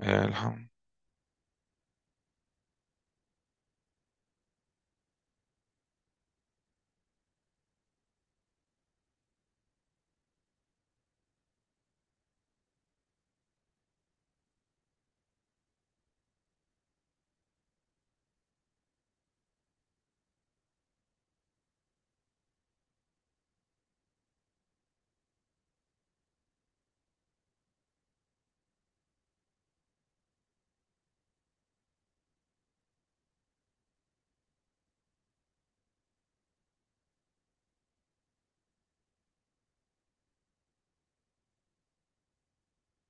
الحمد.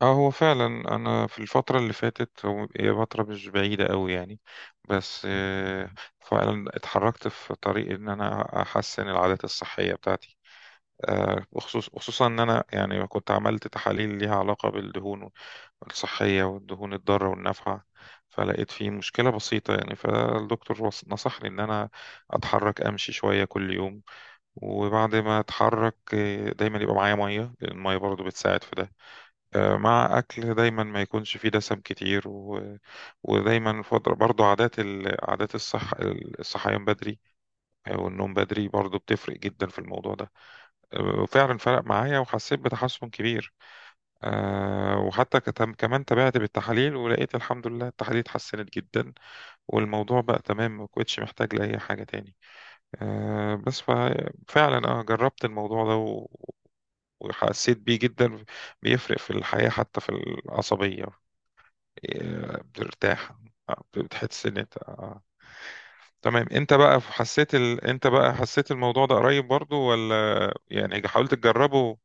اه، هو فعلا انا في الفتره اللي فاتت، هي فتره مش بعيده قوي يعني. بس فعلا اتحركت في طريق ان انا احسن العادات الصحيه بتاعتي. خصوصا ان انا يعني كنت عملت تحاليل ليها علاقه بالدهون الصحيه، والدهون الضاره والنافعه. فلقيت في مشكله بسيطه يعني، فالدكتور نصحني ان انا اتحرك، امشي شويه كل يوم. وبعد ما اتحرك دايما يبقى معايا ميه، لان الميه برضو بتساعد في ده. مع أكل دايما ما يكونش فيه دسم كتير. ودايما فضل برضو عادات الصحيان بدري، أو النوم بدري، برضو بتفرق جدا في الموضوع ده. وفعلا فرق معايا وحسيت بتحسن كبير. وحتى كمان تابعت بالتحاليل، ولقيت الحمد لله التحاليل اتحسنت جدا، والموضوع بقى تمام، ما كنتش محتاج لأي حاجة تاني. بس فعلا أنا جربت الموضوع ده وحسيت بيه جدا. بيفرق في الحياة حتى في العصبية. بترتاح. بتحس ان انت تمام. انت بقى حسيت الموضوع ده قريب برضو، ولا يعني حاولت تجربه؟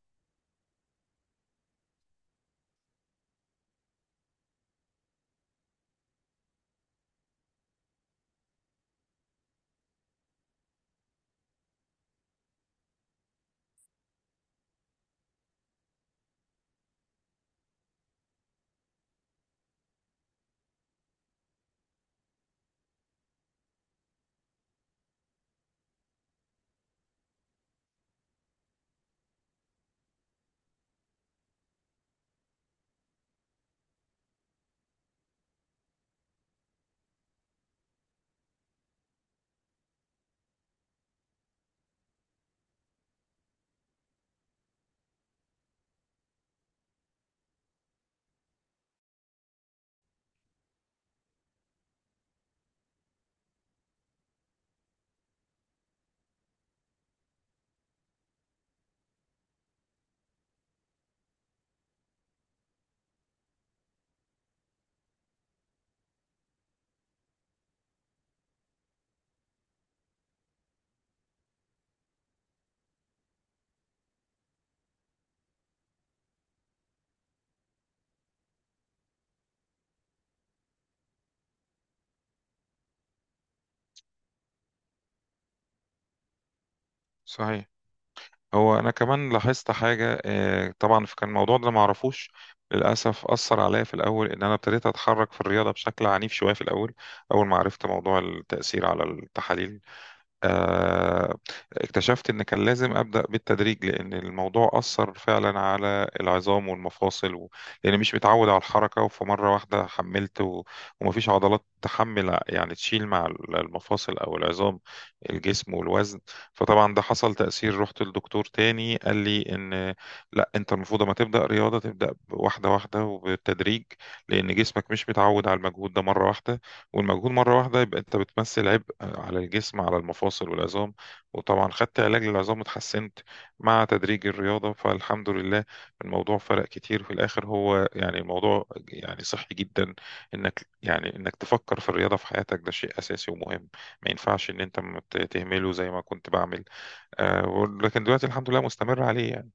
صحيح. هو انا كمان لاحظت حاجة، طبعا كان الموضوع ده معرفوش للاسف، اثر عليا في الاول ان انا ابتديت اتحرك في الرياضة بشكل عنيف شوية في الاول، اول ما عرفت موضوع التأثير على التحاليل. آه، اكتشفت ان كان لازم ابدا بالتدريج، لان الموضوع اثر فعلا على العظام والمفاصل. و... لان مش متعود على الحركه، وفمره واحده حملت، و... ومفيش عضلات تحمل يعني تشيل مع المفاصل او العظام، الجسم والوزن. فطبعا ده حصل تاثير. رحت للدكتور تاني، قال لي ان لا، انت المفروض ما تبدا رياضه، تبدا واحده واحده وبالتدريج، لان جسمك مش متعود على المجهود ده مره واحده. والمجهود مرة واحدة يبقى أنت بتمثل عبء على الجسم، على المفاصل والعظام. وطبعا خدت علاج للعظام وتحسنت مع تدريج الرياضة، فالحمد لله الموضوع فرق كتير في الآخر. هو يعني الموضوع يعني صحي جدا، إنك يعني إنك تفكر في الرياضة في حياتك، ده شيء أساسي ومهم. ما ينفعش إن أنت ما ت- تهمله زي ما كنت بعمل. لكن دلوقتي الحمد لله مستمر عليه يعني.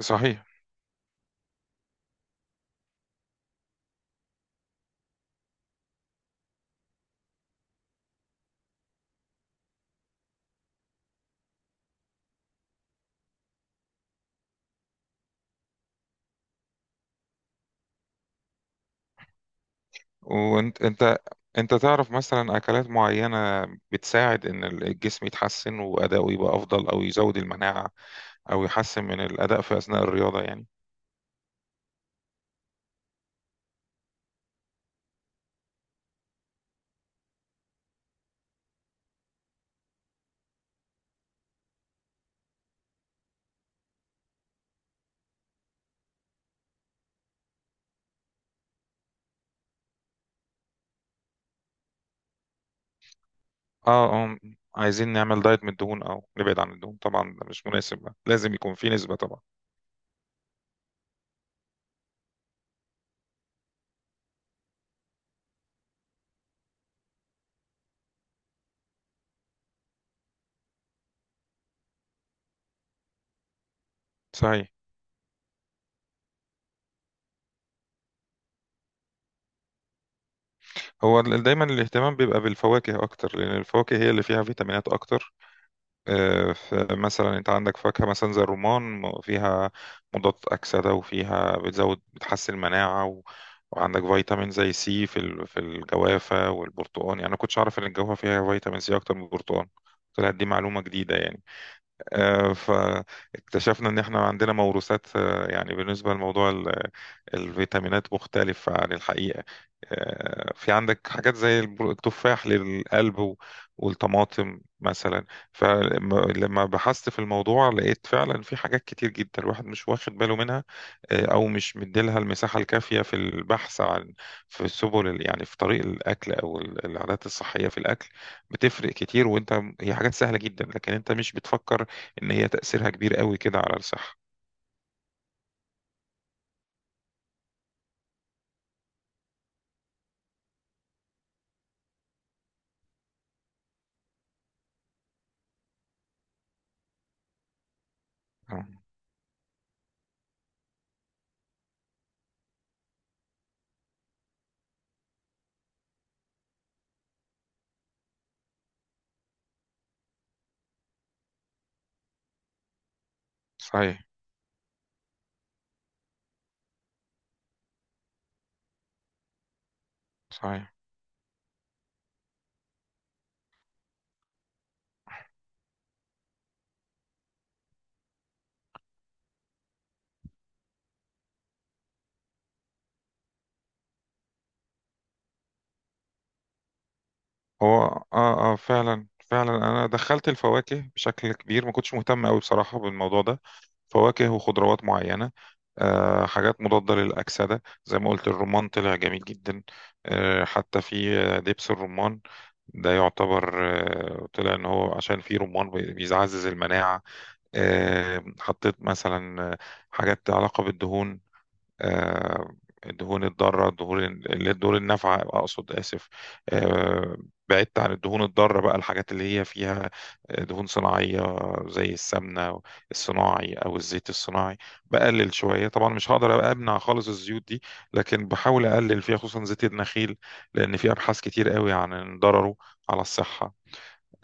صحيح. وانت انت انت تعرف مثلا اكلات معينة بتساعد ان الجسم يتحسن، واداؤه يبقى افضل، او يزود المناعة، او يحسن من الاداء في اثناء الرياضة يعني. اه، اه، عايزين نعمل دايت من الدهون او نبعد عن الدهون؟ طبعا ده مش مناسب، لازم يكون في نسبة طبعا. صحيح. دايما الاهتمام بيبقى بالفواكه اكتر، لان الفواكه هي اللي فيها فيتامينات اكتر. فمثلا انت عندك فاكهة مثلا زي الرمان، فيها مضاد أكسدة، وفيها بتزود بتحسن المناعة. و... وعندك فيتامين زي سي في الجوافة والبرتقال. يعني أنا كنتش أعرف إن الجوافة فيها فيتامين سي أكتر من البرتقال، طلعت دي معلومة جديدة يعني. فاكتشفنا ان احنا عندنا موروثات، يعني بالنسبه لموضوع الفيتامينات مختلف عن الحقيقه. في عندك حاجات زي التفاح للقلب، والطماطم مثلا. فلما بحثت في الموضوع لقيت فعلا في حاجات كتير جدا الواحد مش واخد باله منها، او مش مديلها المساحه الكافيه في البحث، عن في سبل يعني في طريق الاكل او العادات الصحيه في الاكل، بتفرق كتير. وانت هي حاجات سهله جدا، لكن انت مش بتفكر ان هي تأثيرها كبير قوي كده على الصحة. آه، صحيح، صحيح. هو اه فعلا فعلا انا دخلت الفواكه بشكل كبير، ما كنتش مهتم قوي بصراحة بالموضوع ده، فواكه وخضروات معينة. حاجات مضادة للأكسدة، زي ما قلت الرمان طلع جميل جدا. حتى في دبس الرمان ده يعتبر، طلع ان هو عشان فيه رمان بيعزز المناعة. حطيت مثلا، حاجات علاقة بالدهون. آه، الدهون الضارة، الدهون اللي هي الدهون النافعة أقصد، آسف. آه، بعدت عن الدهون الضارة بقى، الحاجات اللي هي فيها دهون صناعية زي السمنة الصناعي أو الزيت الصناعي. بقلل شوية، طبعا مش هقدر أمنع خالص الزيوت دي، لكن بحاول أقلل فيها خصوصا زيت النخيل، لأن في أبحاث كتير قوي عن ضرره على الصحة.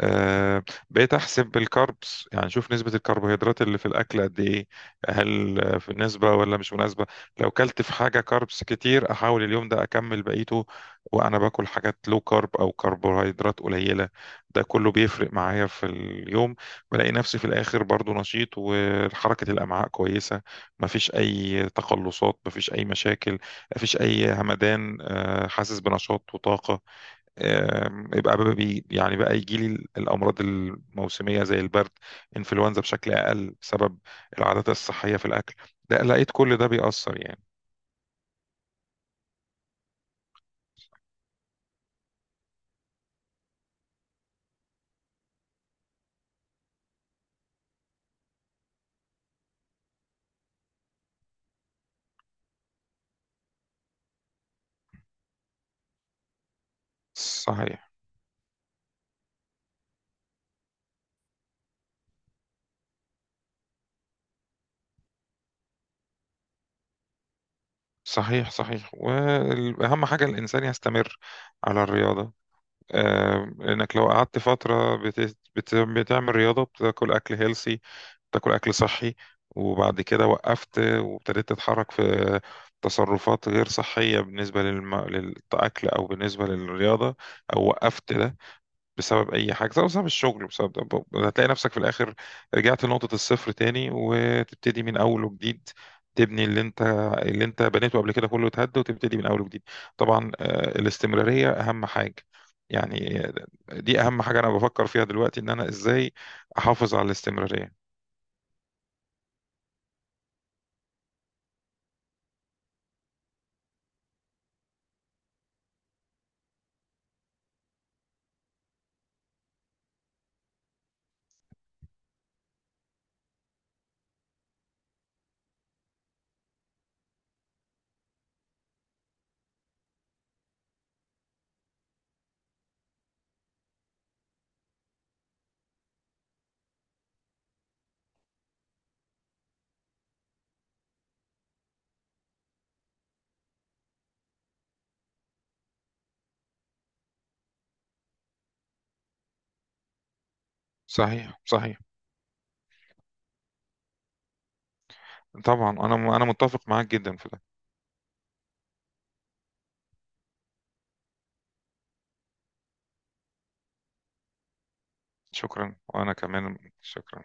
آه، بقيت احسب الكاربس، يعني شوف نسبة الكربوهيدرات اللي في الاكل قد ايه، هل في نسبة ولا مش مناسبة؟ لو كلت في حاجة كاربس كتير احاول اليوم ده اكمل بقيته، وانا باكل حاجات لو كارب او كربوهيدرات قليلة. ده كله بيفرق معايا في اليوم. بلاقي نفسي في الاخر برضو نشيط، وحركة الامعاء كويسة، مفيش اي تقلصات، مفيش اي مشاكل، مفيش اي همدان. حاسس بنشاط وطاقة. يبقى بقى بي يعني بقى يجي لي الامراض الموسميه زي البرد، انفلونزا بشكل اقل، بسبب العادات الصحيه في الاكل. ده لقيت كل ده بيأثر يعني. صحيح، صحيح، صحيح. واهم حاجه الانسان يستمر على الرياضه. لانك لو قعدت فتره بتعمل رياضه، بتاكل اكل هيلسي، بتاكل اكل صحي، وبعد كده وقفت وابتديت تتحرك في تصرفات غير صحيه بالنسبه للاكل، او بالنسبه للرياضه، او وقفت ده بسبب اي حاجه، سواء بسبب الشغل بسبب ده، هتلاقي نفسك في الاخر رجعت لنقطه الصفر تاني وتبتدي من اول وجديد. تبني اللي انت بنيته قبل كده كله اتهد، وتبتدي من اول وجديد. طبعا الاستمراريه اهم حاجه يعني. دي اهم حاجه انا بفكر فيها دلوقتي، ان انا ازاي احافظ على الاستمراريه. صحيح، صحيح. طبعا انا متفق معاك جدا في ده. شكرا، وانا كمان شكرا.